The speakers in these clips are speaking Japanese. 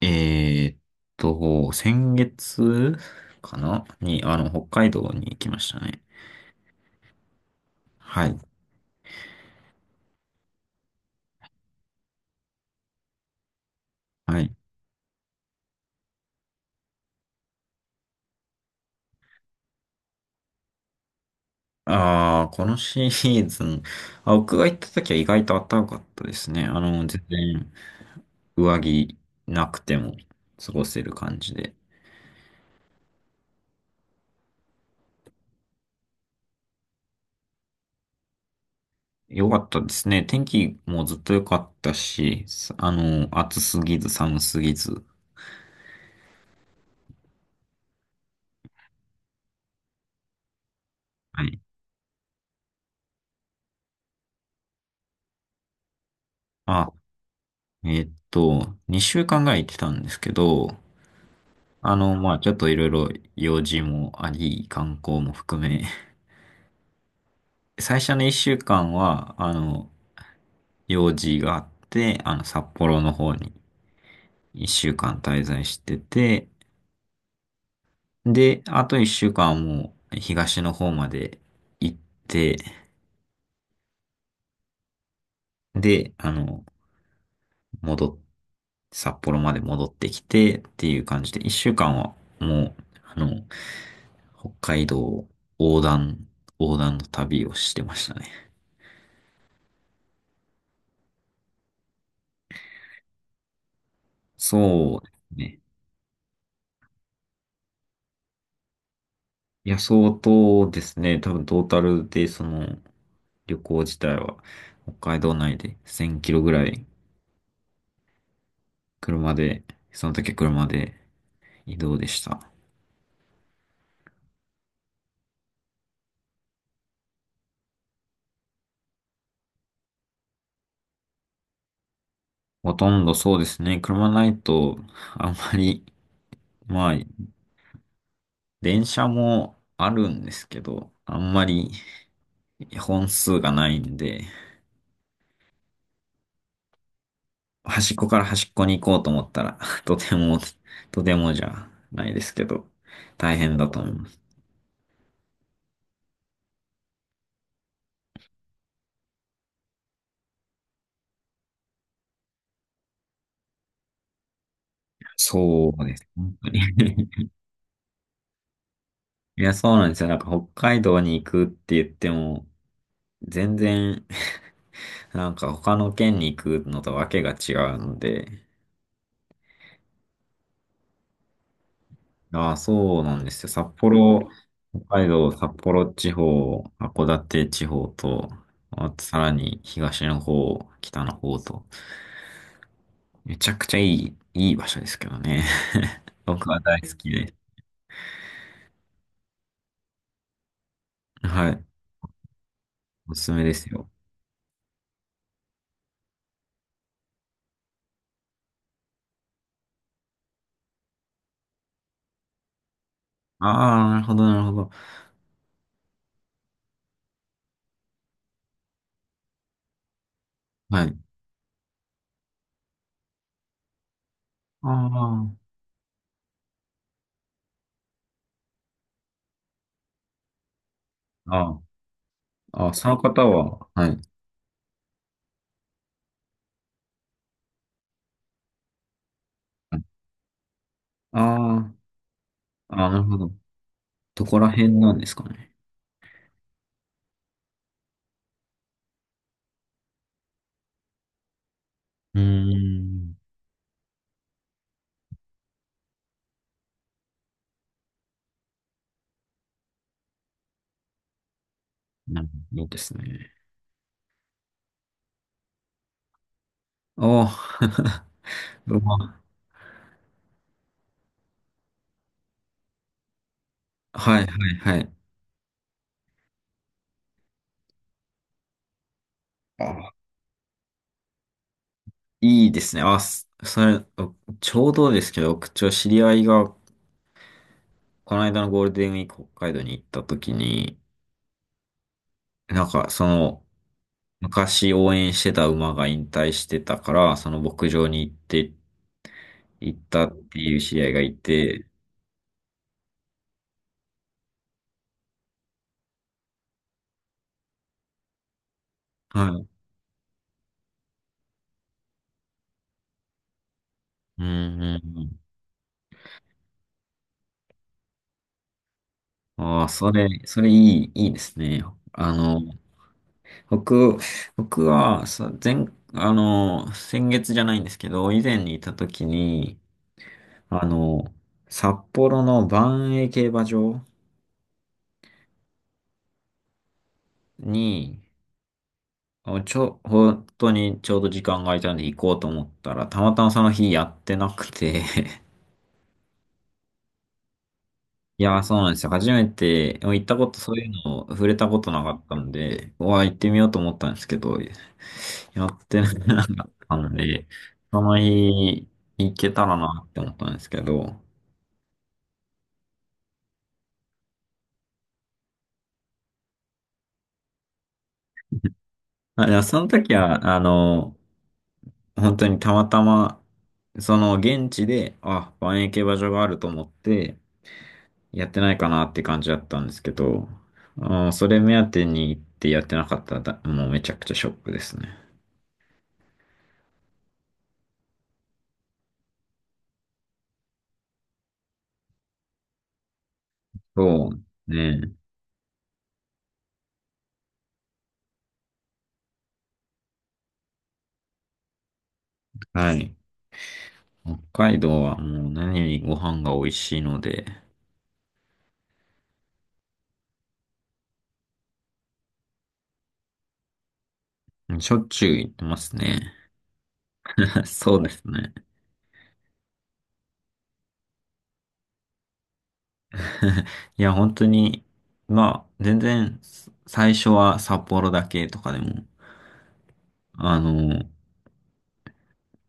えーっ先月かなに、北海道に行きましたね。はい。はい。ああ、このシーズン、あ、僕が行った時は意外と暖かかったですね。全然上着なくても過ごせる感じで。良かったですね。天気もずっと良かったし、さあの、暑すぎず寒すぎず。はい。あ、2週間ぐらい行ってたんですけど、まあちょっといろいろ用事もあり、観光も含め、最初の一週間は、用事があって、札幌の方に一週間滞在してて、で、あと一週間はもう東の方まで行って、で、戻っ、札幌まで戻ってきてっていう感じで、一週間はもう、あの、北海道横断、横断の旅をしてましたね。そうですね。いや、相当ですね。多分トータルで、旅行自体は、北海道内で1000キロぐらい、車で、その時車で移動でした。ほとんどそうですね。車ないと、あんまり、まあ、電車もあるんですけど、あんまり本数がないんで、端っこから端っこに行こうと思ったら、とても、とてもじゃないですけど、大変だと思います。そうです。本当に。いや、そうなんですよ。なんか北海道に行くって言っても、全然 なんか他の県に行くのとわけが違うので、ああ、そうなんですよ。札幌、北海道、札幌地方、函館地方と、あとさらに東の方、北の方と、めちゃくちゃいい場所ですけどね。僕は大好きで。はい。おすすめですよ。ああ、なるほど、なるほど。はい。あああ、ああその方は、はい。ああ、ああ、なるほど。どこら辺なんですかね。うーん。なるほいいど。ですね。おー ロマン はいはいはい。あ、いいですね。あ、すそれ、ちょうどですけど、僕ちょ、知り合いが、この間のゴールデンウィーク北海道に行った時に、なんか、昔応援してた馬が引退してたから、その牧場に行って、行ったっていう知り合いがいて、はい。うんうんうんああ、それいい、いいですね。あの、僕、僕は、前、先月じゃないんですけど、以前にいた時に、あの、札幌の万栄競馬場に、あちょ、本当にちょうど時間が空いたんで行こうと思ったら、たまたまその日やってなくていやー、そうなんですよ。初めて、行ったこと、そういうのを触れたことなかったんで、うわー、行ってみようと思ったんですけど、やってなかったんで、その日、行けたらなって思ったんですけど、あ、でもその時は、本当にたまたま、その現地で、あ、万円競馬場があると思って、やってないかなって感じだったんですけど、あー、それ目当てに行ってやってなかったら、だもうめちゃくちゃショックですね。そうね。はい。北海道はもう何よりご飯が美味しいので、しょっちゅう行ってますね。そうですね。いや、本当に、まあ、全然、最初は札幌だけとかでも、あの、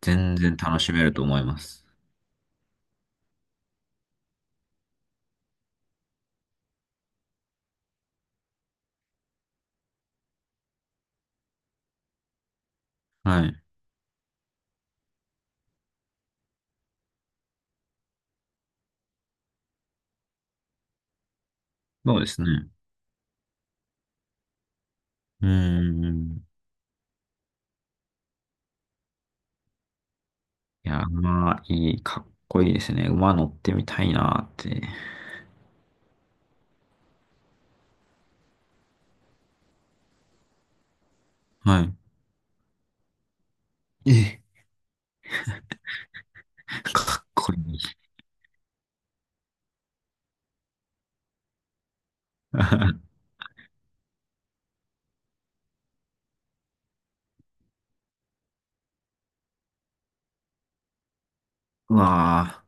全然楽しめると思います。はい。そうですね。うーん。いや、かっこいいですね。馬乗ってみたいなって。はい。え かっこいい。うわー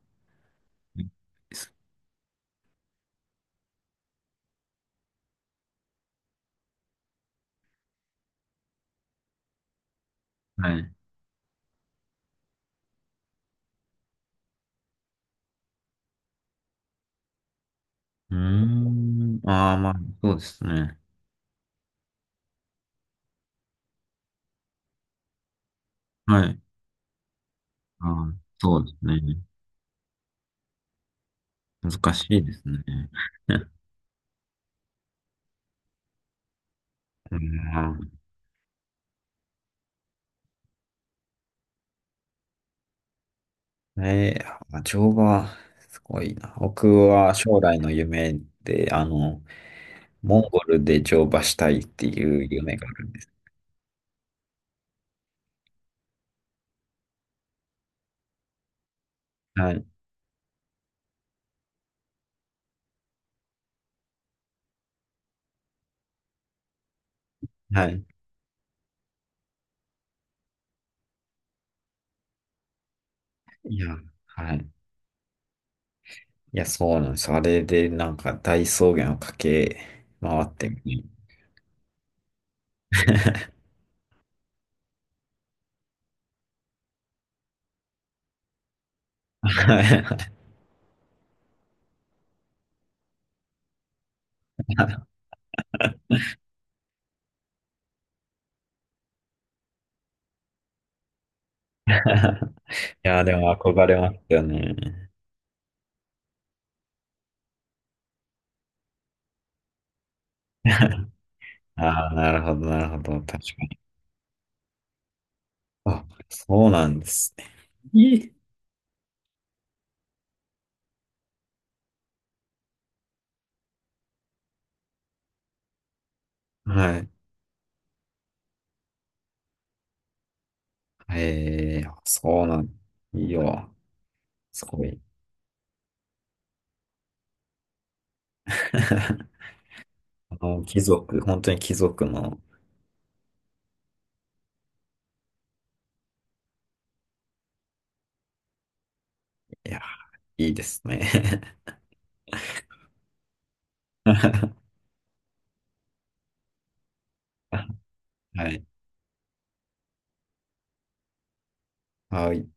はい。うーん。ああ、まあ、そうですね。はい。ああ、そうですね。難しいですね。うん。あ乗馬、すごいな。僕は将来の夢で、モンゴルで乗馬したいっていう夢があるんです。はい。はい。いや、はい。いや、そうなんです。あれで、なんか、大草原を駆け回ってみる。はい。いや、でも憧れますよね。ああ、なるほど、なるほど。確かに。あ、そうなんですね。いい。はい。ええそうなん、いいよ。すごい。本当に貴族の、いや、いいですね。はい。はい。